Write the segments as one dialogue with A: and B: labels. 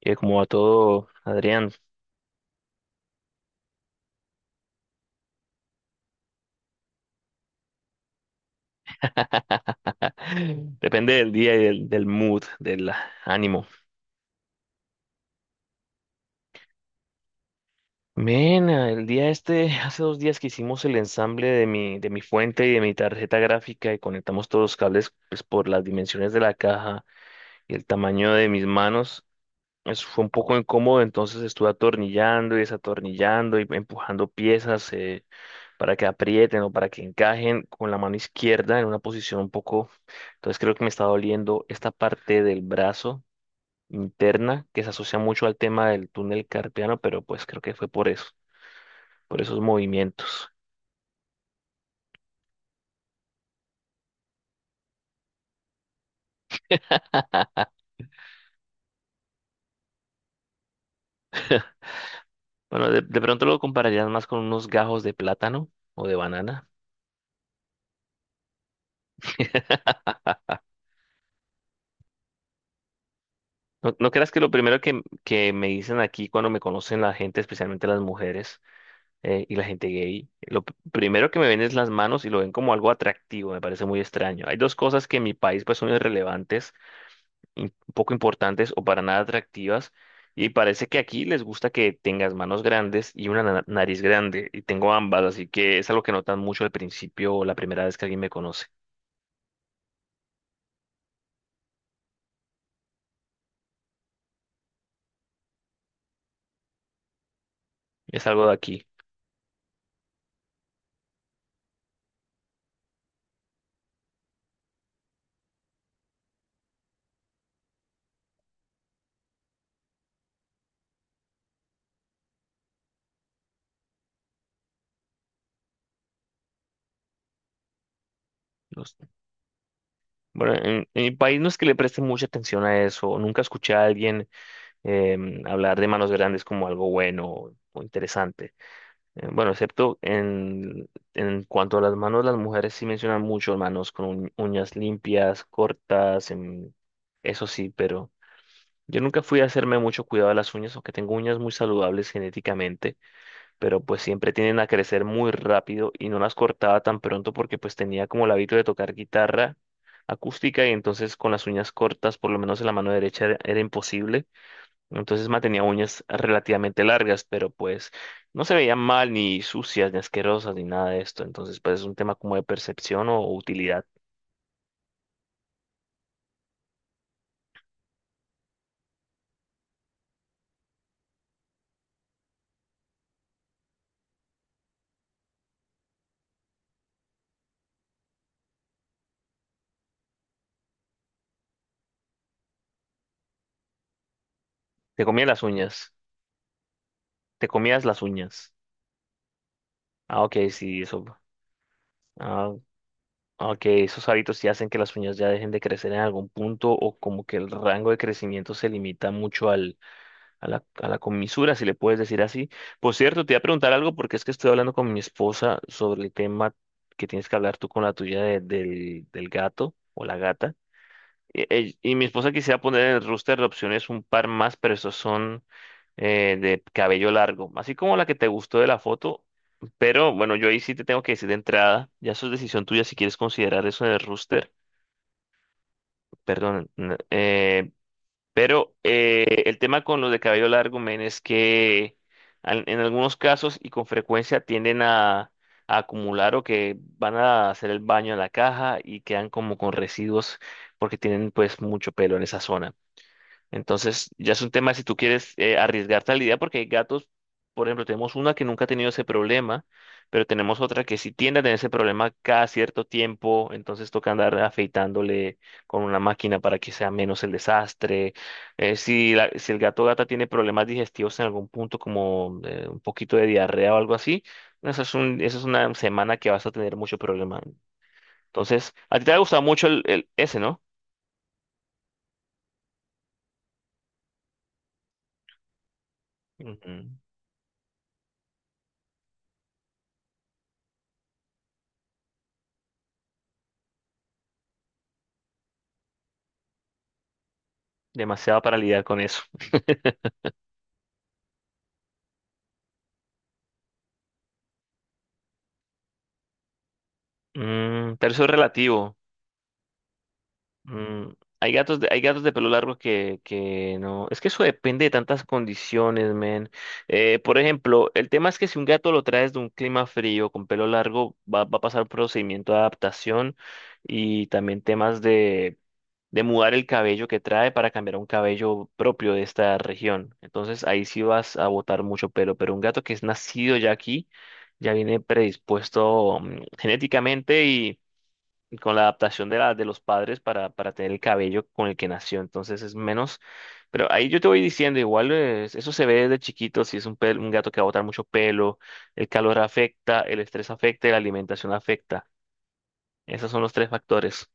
A: Y como va todo, Adrián. Depende del día y del mood, del ánimo. Mena, el día este, hace 2 días que hicimos el ensamble de mi fuente y de mi tarjeta gráfica y conectamos todos los cables pues, por las dimensiones de la caja y el tamaño de mis manos. Eso fue un poco incómodo, entonces estuve atornillando y desatornillando y empujando piezas, para que aprieten o para que encajen con la mano izquierda en una posición un poco. Entonces creo que me está doliendo esta parte del brazo interna que se asocia mucho al tema del túnel carpiano, pero pues creo que fue por eso, por esos movimientos. Bueno, de pronto lo compararías más con unos gajos de plátano o de banana. No, no creas que lo primero que me dicen aquí cuando me conocen la gente, especialmente las mujeres, y la gente gay, lo primero que me ven es las manos y lo ven como algo atractivo, me parece muy extraño. Hay dos cosas que en mi país pues son irrelevantes, poco importantes o para nada atractivas, y parece que aquí les gusta que tengas manos grandes y una nariz grande, y tengo ambas, así que es algo que notan mucho al principio o la primera vez que alguien me conoce. Es algo de aquí. los- Bueno, en mi país no es que le presten mucha atención a eso, nunca escuché a alguien hablar de manos grandes como algo bueno o interesante. Bueno, excepto en cuanto a las manos, las mujeres sí mencionan mucho manos con uñas limpias, cortas, eso sí, pero yo nunca fui a hacerme mucho cuidado de las uñas, aunque tengo uñas muy saludables genéticamente, pero pues siempre tienden a crecer muy rápido y no las cortaba tan pronto porque pues tenía como el hábito de tocar guitarra acústica y entonces con las uñas cortas, por lo menos en la mano derecha, era imposible. Entonces mantenía uñas relativamente largas, pero pues no se veían mal, ni sucias, ni asquerosas, ni nada de esto. Entonces, pues es un tema como de percepción o utilidad. Te comías las uñas. Te comías las uñas. Ah, ok, sí, eso. Ah, ah, ok, esos hábitos sí hacen que las uñas ya dejen de crecer en algún punto o como que el rango de crecimiento se limita mucho a la comisura, si le puedes decir así. Por cierto, te iba a preguntar algo porque es que estoy hablando con mi esposa sobre el tema que tienes que hablar tú con la tuya del gato o la gata. Y mi esposa quisiera poner en el roster de opciones un par más, pero esos son de cabello largo, así como la que te gustó de la foto. Pero bueno, yo ahí sí te tengo que decir de entrada, ya eso es decisión tuya si quieres considerar eso en el roster. Perdón, pero el tema con los de cabello largo, men, es que en algunos casos y con frecuencia tienden a acumular o que van a hacer el baño en la caja y quedan como con residuos porque tienen pues mucho pelo en esa zona. Entonces, ya es un tema si tú quieres arriesgarte a la idea, porque hay gatos, por ejemplo, tenemos una que nunca ha tenido ese problema, pero tenemos otra que sí tiende a tener ese problema cada cierto tiempo, entonces toca andar afeitándole con una máquina para que sea menos el desastre. Si el gato o gata tiene problemas digestivos en algún punto, como un poquito de diarrea o algo así, esa es un, esa es una semana que vas a tener mucho problema. Entonces, a ti te ha gustado mucho el, ese, ¿no? Ujú. Demasiado para lidiar con eso. Mm, pero eso es relativo. Mm, hay gatos de pelo largo que no. Es que eso depende de tantas condiciones, men. Por ejemplo, el tema es que si un gato lo traes de un clima frío con pelo largo, va, va a pasar un procedimiento de adaptación y también temas de mudar el cabello que trae para cambiar a un cabello propio de esta región. Entonces ahí sí vas a botar mucho pelo. Pero un gato que es nacido ya aquí, ya viene predispuesto, mm, genéticamente y con la adaptación de los padres para tener el cabello con el que nació, entonces es menos, pero ahí yo te voy diciendo, igual eso se ve desde chiquito, si es un gato que va a botar mucho pelo, el calor afecta, el estrés afecta y la alimentación afecta. Esos son los tres factores.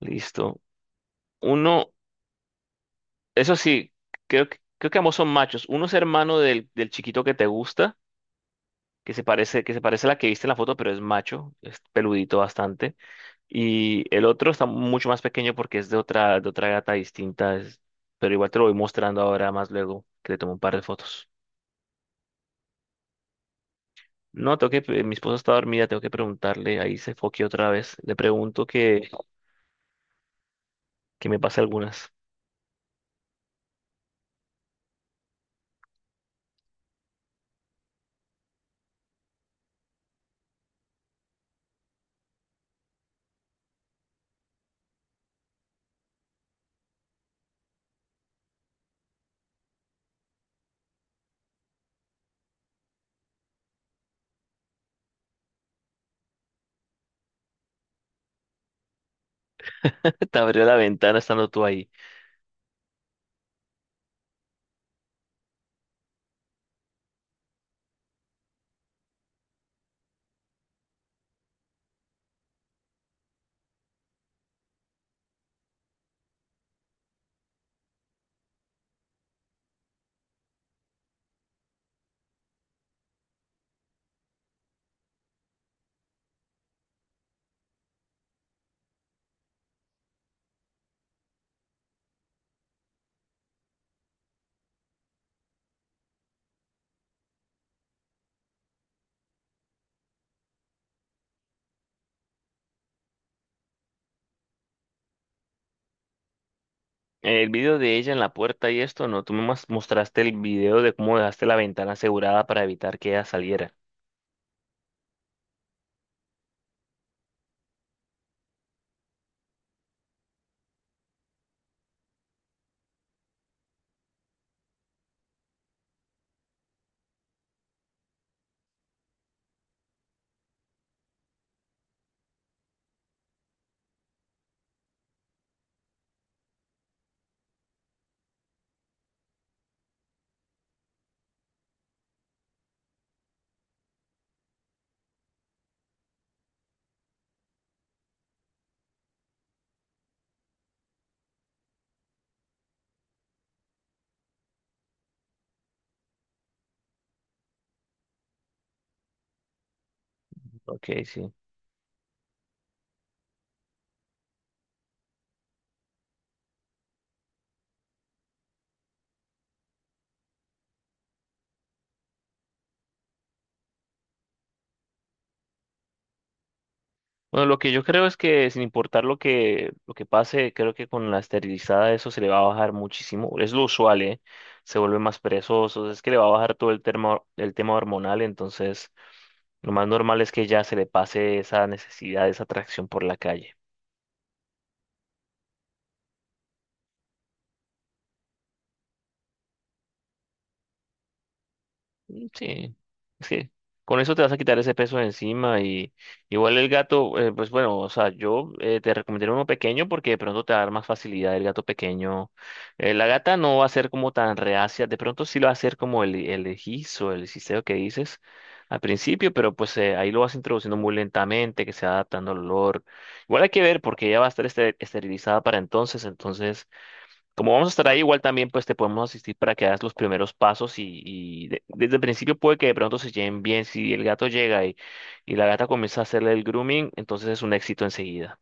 A: Listo. Uno, eso sí, creo que ambos son machos. Uno es hermano del chiquito que te gusta, que se parece a la que viste en la foto, pero es macho, es peludito bastante. Y el otro está mucho más pequeño porque es de otra gata distinta, pero igual te lo voy mostrando ahora más luego, que le tomo un par de fotos. No, tengo que, mi esposa está dormida, tengo que preguntarle, ahí se foque otra vez, le pregunto que me pase algunas. Te abrió la ventana estando tú ahí. El video de ella en la puerta y esto, no, tú me mostraste el video de cómo dejaste la ventana asegurada para evitar que ella saliera. Ok, sí. Bueno, lo que yo creo es que sin importar lo que pase, creo que con la esterilizada eso se le va a bajar muchísimo. Es lo usual, ¿eh? Se vuelve más perezoso, es que le va a bajar todo el tema hormonal, entonces lo más normal es que ya se le pase esa necesidad, esa atracción por la calle. Mm, sí, es que con eso te vas a quitar ese peso de encima y igual el gato, pues bueno, o sea, yo te recomendaría uno pequeño porque de pronto te va a dar más facilidad el gato pequeño. La gata no va a ser como tan reacia, de pronto sí lo va a hacer como el egiz o el cisteo que dices al principio, pero pues ahí lo vas introduciendo muy lentamente, que se va adaptando al olor. Igual hay que ver porque ella va a estar esterilizada para entonces, entonces... Como vamos a estar ahí, igual también pues te podemos asistir para que hagas los primeros pasos y, y desde el principio puede que de pronto se lleven bien. Si el gato llega y la gata comienza a hacerle el grooming, entonces es un éxito enseguida.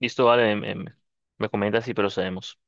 A: Listo, vale, me, me comentas y procedemos.